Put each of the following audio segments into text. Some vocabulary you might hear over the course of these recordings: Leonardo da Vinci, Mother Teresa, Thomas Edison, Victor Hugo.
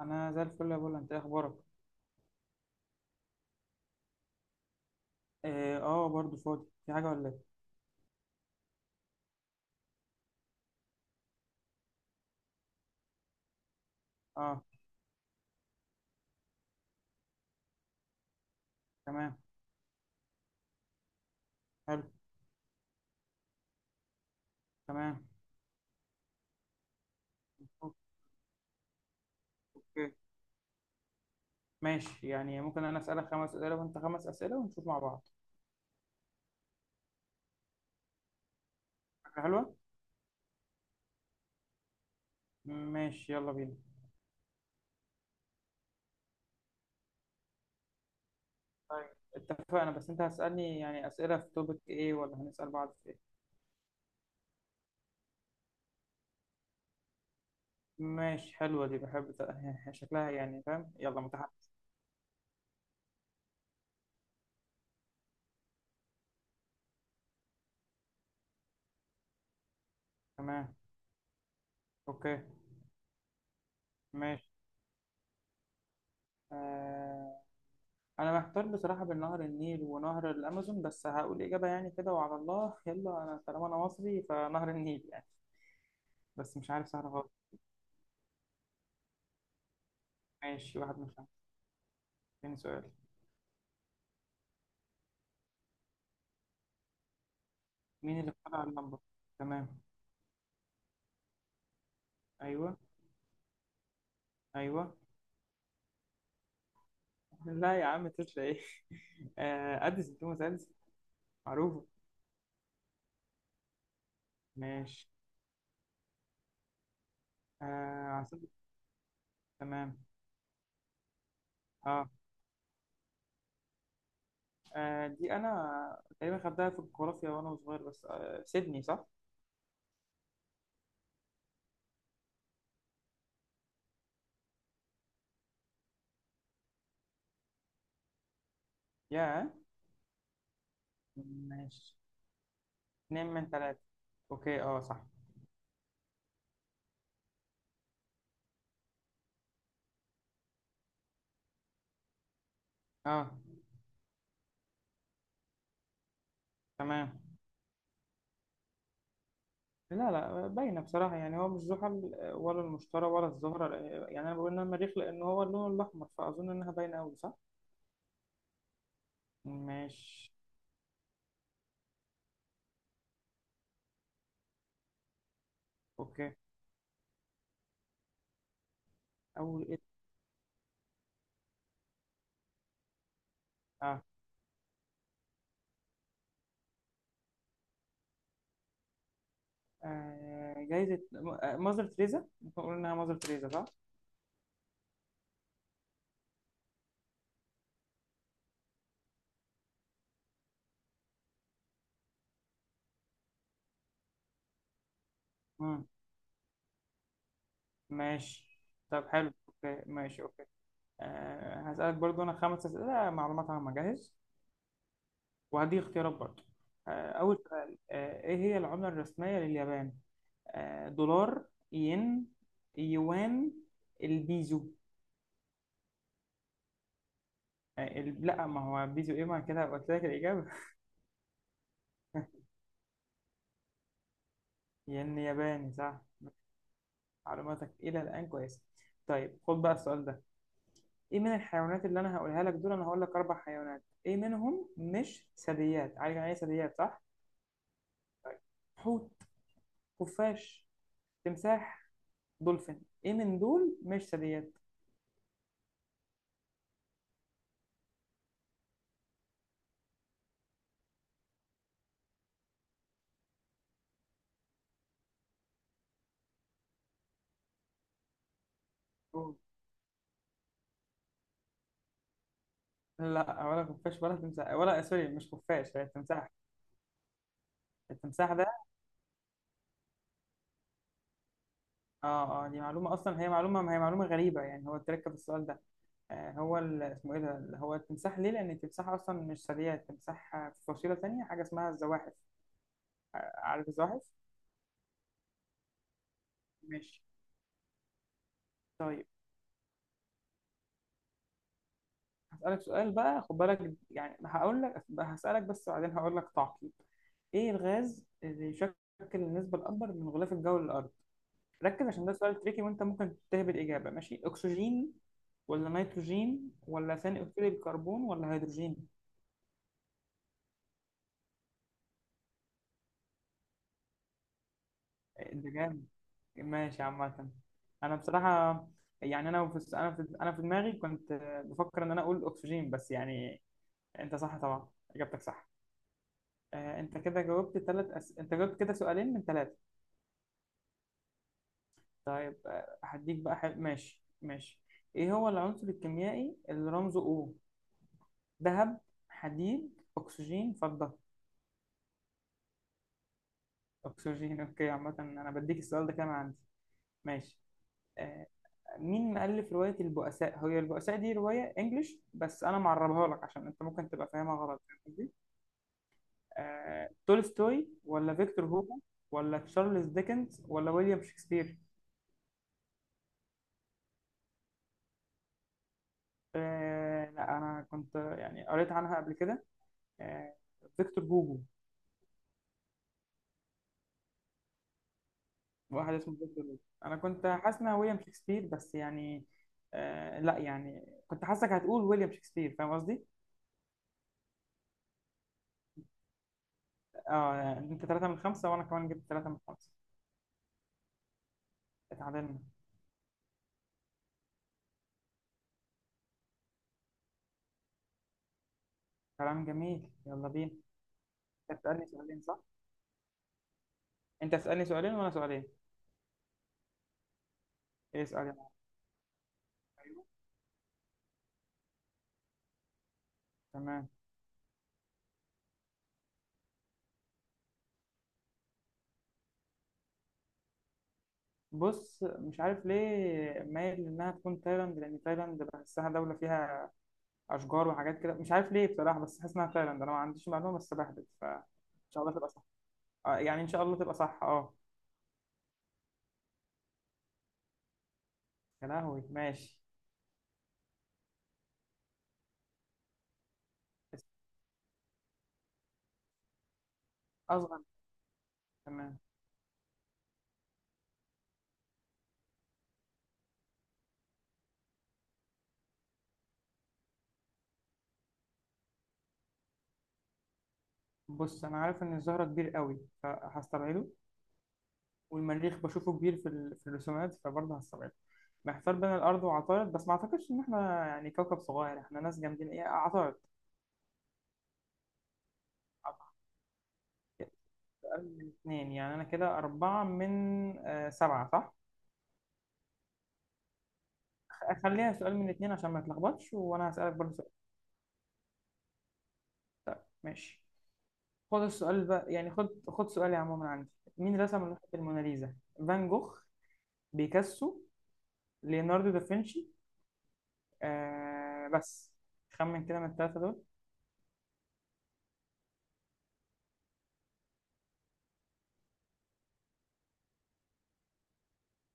انا زي الفل يا بولا، انت إيه اخبارك؟ اه. برضو فاضي، في حاجه ولا ايه؟ اه. تمام. حلو. تمام. اوكي. ماشي، يعني ممكن انا اسالك 5 اسئله وانت 5 اسئله ونشوف مع بعض. فكره حلوه. ماشي، يلا بينا. طيب. اتفقنا، بس انت هتسالني يعني اسئله في توبك ايه، ولا هنسال بعض في ايه؟ ماشي، حلوه دي بحب شكلها، يعني فاهم؟ يلا متحمس. تمام. اوكي. ماشي. آه انا محتار بصراحه بين نهر النيل ونهر الامازون، بس هقول اجابه يعني كده وعلى الله. يلا، انا طالما انا مصري فنهر النيل يعني. بس مش عارف، سهل خالص. ماشي، 1 من 5. تاني سؤال. مين اللي اخترع اللمبه؟ تمام. ايوه. ايوه. لا يا عم، تسلا ايه؟ اديسون، توماس اديسون. معروفه. ماشي. عاصمة. تمام. اه. دي انا تقريبا خدتها في الجغرافيا وانا صغير، بس سيدني صح. يا. ماشي. 2 من 3. اوكي، اه صح. اه. تمام. لا، لا، باينه بصراحه، يعني هو مش زحل ولا المشتري ولا الزهره، يعني انا بقول انها مريخ لان هو اللون الاحمر، فاظن انها باينه قوي صح. ماشي. اوكي. اول ايه؟ اه، جايزه ماذر تريزا، ممكن نقول انها ماذر تريزا صح. مم. ماشي. طب حلو. اوكي، ماشي. اوكي. هسألك برضو انا 5 اسئله معلومات عامه، جاهز؟ وهدي اختيارات برضو. اول سؤال. ايه هي العمله الرسميه لليابان؟ دولار. ين. يوان. البيزو. لا، ما هو بيزو ايه، ما كده قلت لك الإجابة. ين ياباني صح؟ معلوماتك إلى الآن كويسة. طيب، خد بقى السؤال ده. ايه من الحيوانات اللي انا هقولها لك دول، انا هقول لك 4 حيوانات، ايه منهم مش ثدييات؟ عارف يعني ايه ثدييات صح؟ حوت. خفاش. تمساح. دولفين. ايه من دول مش ثدييات؟ لا، ولا خفاش ولا تمساح، ولا سوري، مش خفاش، هي التمساح. التمساح ده. اه، اه، دي معلومة أصلا، هي معلومة، ما هي معلومة غريبة يعني، هو تركب السؤال ده. هو اسمه إيه ده اللي هو التمساح ليه؟ لأن التمساح أصلا مش سريع، التمساح في فصيلة تانية، حاجة اسمها الزواحف. عارف الزواحف؟ ماشي. طيب. هسألك سؤال بقى، خد بالك، يعني هقول لك هسألك بس، وبعدين هقول لك تعقيب. إيه الغاز اللي يشكل النسبة الأكبر من غلاف الجو للأرض؟ ركز عشان ده سؤال تريكي، وأنت ممكن تهبد إجابة. ماشي، أكسجين ولا نيتروجين ولا ثاني أكسيد الكربون ولا هيدروجين؟ ده جامد. ماشي عامة. أنا بصراحة، يعني أنا في دماغي كنت بفكر إن أنا أقول أكسجين، بس يعني أنت صح طبعا، إجابتك صح. أنت جاوبت كده سؤالين من 3. طيب. ماشي، ماشي. إيه هو العنصر الكيميائي اللي رمزه O؟ ذهب. حديد، أكسجين، فضة. أكسجين. أوكي، عامة أنا بديك السؤال ده كمان عندي. ماشي. آه، مين مؤلف رواية البؤساء؟ هي البؤساء دي رواية انجلش، بس انا معربها لك عشان انت ممكن تبقى فاهمها غلط، فاهم قصدي؟ تولستوي ولا فيكتور هوجو ولا تشارلز ديكنز ولا ويليام شكسبير؟ لا، انا كنت يعني قريت عنها قبل كده. آه، فيكتور هوجو. واحد اسمه فيكتور هوجو. انا كنت حاسس انها ويليام شكسبير، بس يعني لا يعني كنت حاسسك هتقول ويليام شكسبير، فاهم قصدي؟ اه، انت 3 من 5 وانا كمان جبت 3 من 5. اتعادلنا. كلام جميل، يلا بينا. انت تسألني سؤالين صح؟ انت تسألني سؤالين وانا سؤالين. ايه، اسأل يا معلم. ايوه. تمام. بص، مش عارف ليه مايل انها تكون تايلاند، لان تايلاند بحسها دولة فيها اشجار وحاجات كده، مش عارف ليه بصراحة، بس حاسس انها تايلاند، انا ما عنديش معلومة، بس بهبت، ف ان شاء الله تبقى صح. يعني ان شاء الله تبقى صح، اه. يا لهوي، ماشي. اصغر. تمام. بص، انا عارف ان الزهرة كبير قوي فهستبعده. والمريخ بشوفه كبير في الرسومات، فبرضه هستبعده. محتار بين الأرض وعطارد، بس ما أعتقدش إن إحنا يعني كوكب صغير، إحنا ناس جامدين. إيه عطارد. أعتقد. أقل من اتنين، يعني أنا كده أربعة من سبعة صح؟ خليها سؤال من اتنين عشان ما نتلخبطش، وأنا هسألك برضه سؤال. ماشي. خد السؤال بقى، يعني خد خد سؤالي عموما عندي. مين رسم لوحة الموناليزا؟ فان جوخ. بيكاسو. ليوناردو دافنشي. بس خمن كده من التلاتة دول.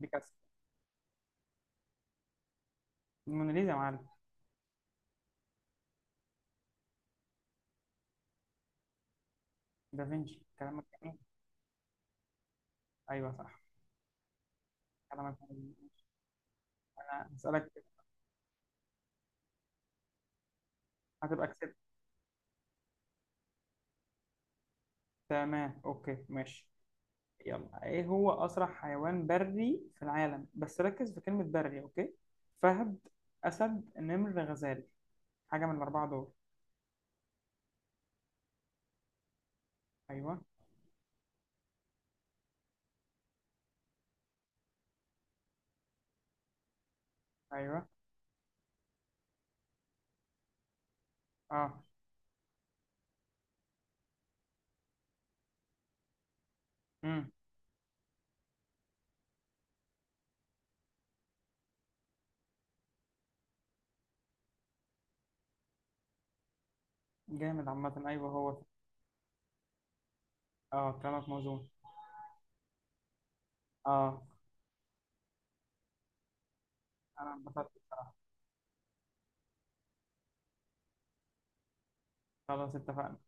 بيكاسو. الموناليزا يا معلم. دافنشي كلامك. ايوه صح. كلامك مظبوط. انا هسألك. هتبقى كسبت. تمام. اوكي. ماشي. يلا، ايه هو اسرع حيوان بري في العالم؟ بس ركز في كلمة بري، اوكي. فهد. اسد، نمر، غزال. حاجة من الاربعة دول. ايوه. ايوه. اه. امم. جامد عامة، ايوه هو ده. اه، كلامك موزون. اه. انا انبسطت بصراحة. خلاص، اتفقنا.